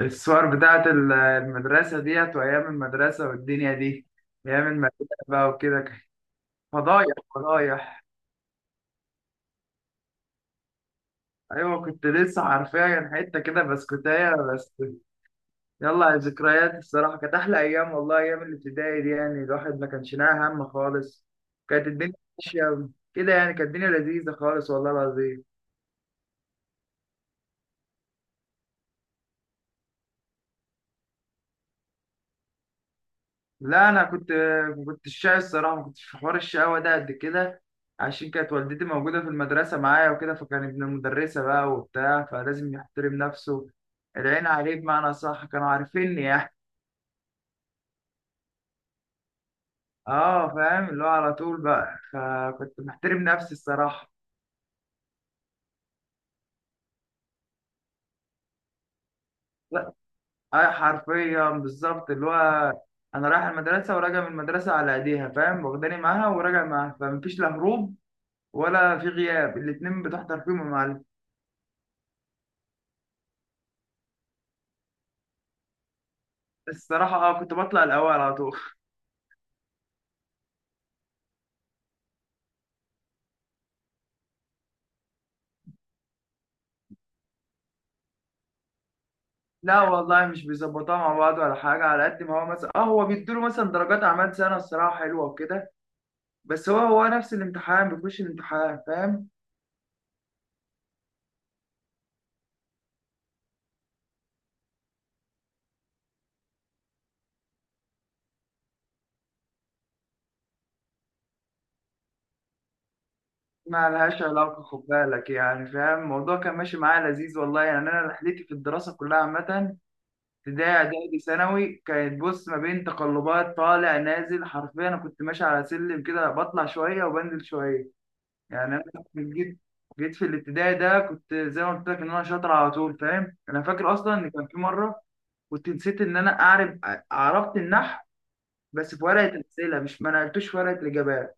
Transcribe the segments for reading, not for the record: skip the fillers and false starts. الصور بتاعت المدرسة ديت وأيام المدرسة والدنيا دي، أيام المدرسة بقى وكده كان. فضايح فضايح. أيوة كنت لسه حرفيا حتة كده بسكوتاية بس. يلا على الذكريات الصراحة، كانت أحلى أيام والله، أيام الابتدائي دي يعني الواحد ما كانش ناقي هم خالص. كانت الدنيا ماشية كده يعني، كانت الدنيا لذيذة خالص والله العظيم. لا انا كنت ما كنتش شاي الصراحه، ما كنتش في حوار الشقاوه ده قد كده، عشان كانت والدتي موجوده في المدرسه معايا وكده، فكان ابن المدرسه بقى وبتاع فلازم يحترم نفسه. العين عليه بمعنى صح، كانوا عارفيني يعني. اه فاهم، اللي هو على طول بقى، فكنت محترم نفسي الصراحه. لا اه حرفيا بالظبط، اللي هو انا رايح المدرسه وراجع من المدرسه على ايديها فاهم، واخداني معاها وراجع معاها، فمفيش لا هروب ولا في غياب، الاتنين بتحضر فيهم يا معلم. الصراحة اه كنت بطلع الأول على طول. لا والله مش بيظبطوها مع بعض ولا حاجة، على قد ما هو مثلا اه هو بيدوله مثلا درجات أعمال سنة الصراحة حلوة وكده، بس هو نفس الامتحان بيخش الامتحان فاهم. ما لهاش علاقة، خد بالك يعني فاهم، الموضوع كان ماشي معايا لذيذ والله يعني. أنا رحلتي في الدراسة كلها عامة، ابتدائي إعدادي ثانوي، كانت بص ما بين تقلبات طالع نازل، حرفيا أنا كنت ماشي على سلم كده، بطلع شوية وبنزل شوية. يعني أنا جيت جيت في الابتدائي ده كنت زي ما قلت لك إن أنا شاطر على طول فاهم. أنا فاكر أصلا إن كان في مرة كنت نسيت ان انا اعرف، عرفت النحو بس في ورقه الاسئله مش ما نقلتوش في ورقه الاجابات،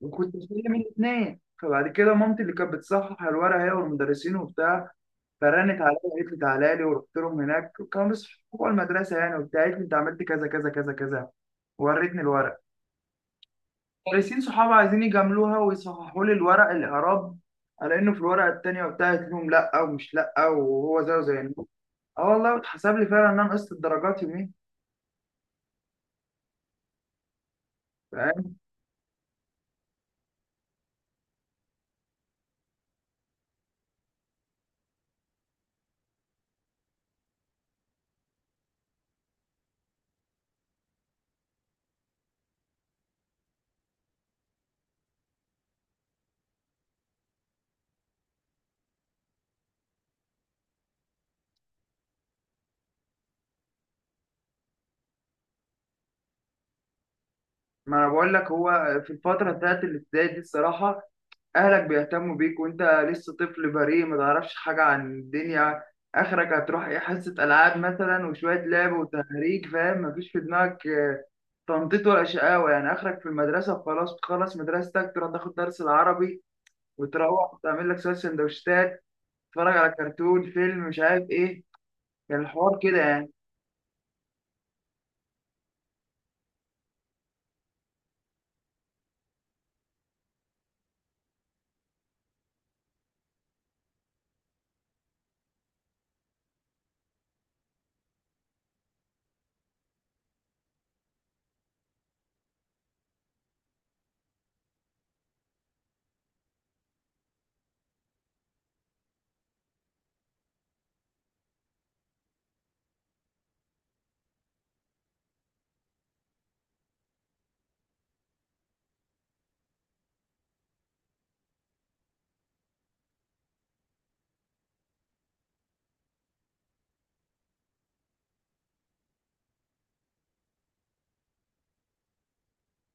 وكنت شايل من الاثنين. فبعد كده مامتي اللي كانت بتصحح الورقه هي والمدرسين وبتاع، فرنت عليا قالت لي تعالى لي، ورحت لهم هناك كانوا لسه جوه المدرسه يعني وبتاع. قالت لي انت عملت كذا كذا كذا كذا، وريتني الورق. المدرسين صحابي عايزين يجاملوها ويصححوا لي الورق الاعراب على انه في الورقه التانيه وبتاع، قلت لهم لا، ومش لا وهو زيه زي النور. اه والله اتحسب لي فعلا ان انا نقصت الدرجات يومين. ما انا بقول لك، هو في الفتره بتاعت الابتدائي دي الصراحه، اهلك بيهتموا بيك وانت لسه طفل بريء ما تعرفش حاجه عن الدنيا، اخرك هتروح ايه، حصه العاب مثلا وشويه لعب وتهريج فاهم، مفيش في دماغك تنطيط ولا شقاوه يعني. اخرك في المدرسه وخلاص، تخلص مدرستك تروح تاخد درس العربي، وتروح تعمل لك شويه سندوتشات، تتفرج على كرتون فيلم مش عارف ايه. كان الحوار كده يعني.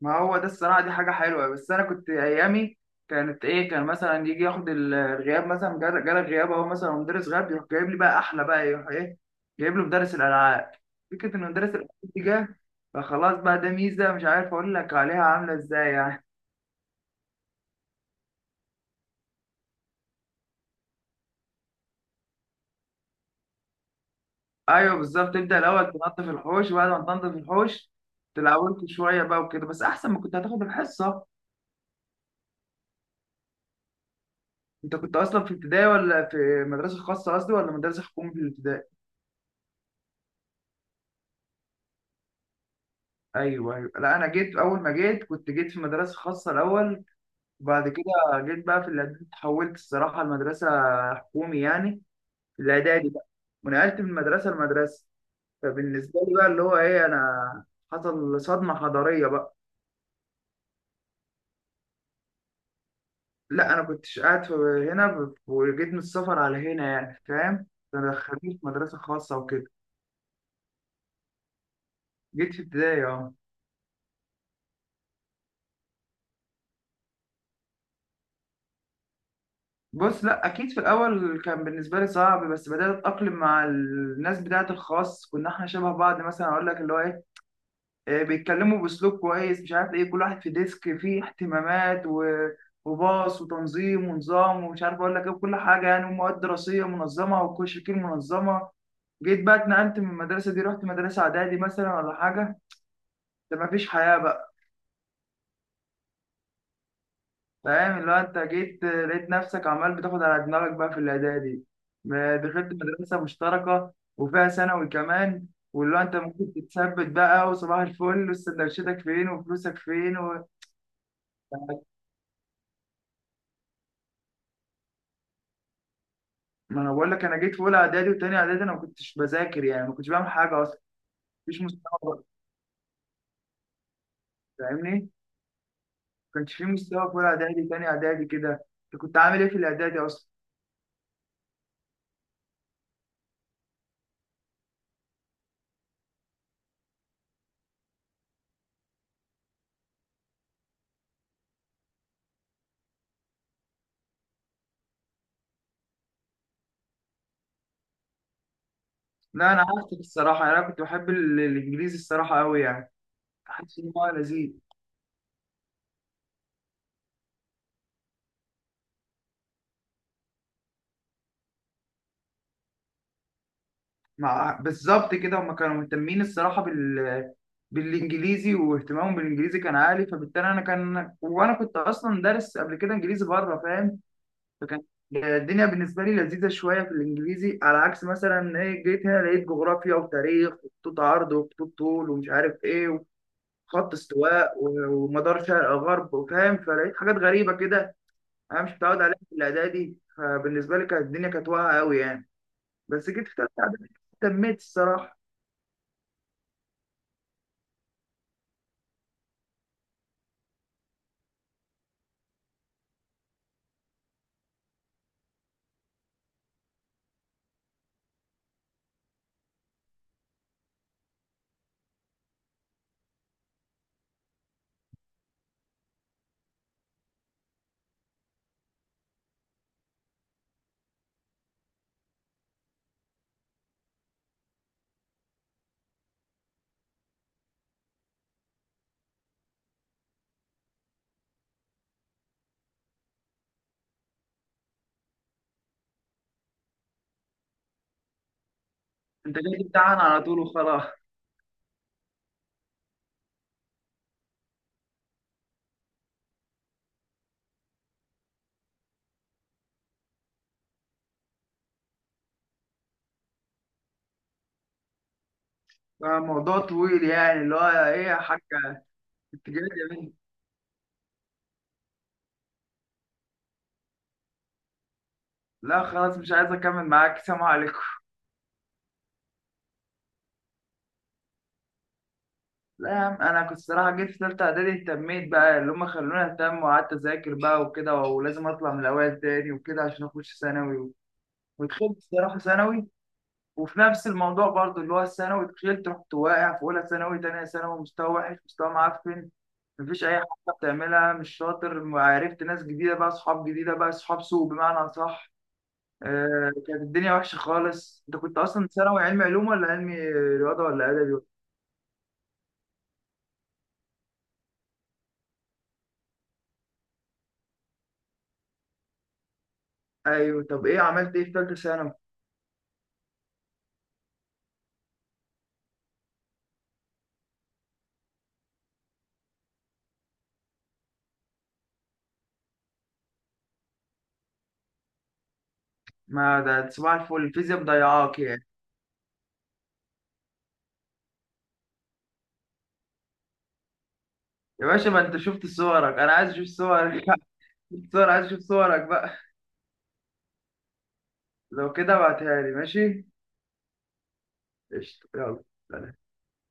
ما هو ده الصراحة دي حاجة حلوة. بس أنا كنت أيامي كانت إيه، كان مثلا يجي ياخد الغياب مثلا، جالك غياب أهو، مثلا مدرس غاب يروح جايب لي بقى أحلى، بقى يروح إيه، جايب له مدرس الألعاب. فكرة إن مدرس الألعاب دي جه، فخلاص بقى ده ميزة مش عارف أقول لك عليها عاملة إزاي يعني. أيوه بالظبط، تبدأ الأول تنظف الحوش، وبعد ما تنظف الحوش تلعبوا شوية بقى وكده، بس أحسن ما كنت هتاخد الحصة. أنت كنت أصلا في ابتدائي ولا في مدرسة خاصة قصدي، ولا مدرسة حكومي في الابتدائي؟ ايوه ايوه. لا انا جيت، اول ما جيت كنت جيت في مدرسه خاصه الاول، وبعد كده جيت بقى في الاعدادي، اتحولت الصراحه لمدرسه حكومي يعني، في الاعدادي بقى، ونقلت من مدرسه لمدرسه. فبالنسبه لي بقى اللي هو ايه، انا حصل صدمه حضاريه بقى. لا انا كنتش قاعد في هنا، وجيت من السفر على هنا يعني فاهم، فانا دخلوني في مدرسه خاصه وكده. جيت في ابتدائي اه. بص لا اكيد في الاول كان بالنسبه لي صعب، بس بدات اتاقلم مع الناس بتاعه الخاص، كنا احنا شبه بعض مثلا، اقول لك اللي هو ايه، بيتكلموا باسلوب كويس مش عارف ايه، كل واحد في ديسك فيه اهتمامات وباص وتنظيم ونظام ومش عارف اقول لك ايه وكل حاجه يعني، ومواد دراسيه منظمه وكشكول منظمه. جيت بقى اتنقلت من المدرسه دي، رحت مدرسه اعدادي مثلا ولا حاجه، ده مفيش حياه بقى. فاهم اللي هو انت جيت لقيت نفسك عمال بتاخد على دماغك بقى في الاعدادي، ما دخلت مدرسه مشتركه وفيها ثانوي كمان، واللي هو انت ممكن تتثبت بقى وصباح الفل، وسندوتشاتك فين وفلوسك فين و... ما انا بقول لك، انا جيت في اولى اعدادي وتاني اعدادي انا ما كنتش بذاكر يعني، ما كنتش بعمل حاجه اصلا، مفيش مستوى برضه، فاهمني، ما كانش في مستوى في اولى اعدادي تاني اعدادي كده. انت كنت عامل ايه في الاعدادي اصلا؟ لا انا عكسك الصراحه يعني، انا كنت بحب الانجليزي الصراحه قوي يعني، حاسس ان هو لذيذ. مع بالظبط كده، هم كانوا مهتمين الصراحه بالانجليزي، واهتمامهم بالانجليزي كان عالي، فبالتالي انا كان، وانا كنت اصلا دارس قبل كده انجليزي بره فاهم. فكان الدنيا بالنسبه لي لذيذه شويه في الانجليزي، على عكس مثلا ايه، جيت هنا لقيت جغرافيا وتاريخ وخطوط عرض وخطوط طول ومش عارف ايه، وخط استواء ومدار شرق غرب وفاهم، فلقيت حاجات غريبه كده انا مش متعود عليها في الاعدادي، فبالنسبه لي كانت الدنيا كانت واقعه قوي يعني. بس جيت في ثالثه اعدادي، اهتميت الصراحه. انت جاي تمتحن على طول وخلاص. موضوع طويل يعني اللي هو، ايه يا حاجة. انت جاي مني، لا خلاص مش عايز اكمل معاك، سلام عليكم. لا يا عم، انا كنت صراحة جيت في تالتة اعدادي، اهتميت بقى، اللي هم خلوني اهتم، وقعدت اذاكر بقى وكده، ولازم اطلع من الاوائل تاني وكده عشان اخش ثانوي و... ودخلت الصراحة ثانوي. وفي نفس الموضوع برضو اللي هو الثانوي، دخلت رحت واقع في اولى ثانوي تانية ثانوي، مستوى وحش مستوى معفن، مفيش اي حاجه بتعملها، مش شاطر، عرفت ناس جديده بقى، اصحاب جديده بقى، اصحاب سوء بمعنى اصح، كانت الدنيا وحشة خالص. انت كنت اصلا ثانوي علمي علوم ولا علمي رياضة ولا ادبي؟ ايوه، طب ايه عملت ايه في ثالثة ثانوي؟ ما ده صباح الفل، الفيزياء مضيعاك يعني. يا باشا ما انت شفت صورك، انا عايز اشوف صورك شفت صور، عايز اشوف صورك بقى. لو كده ابعتها لي، ماشي. قشطة يلا.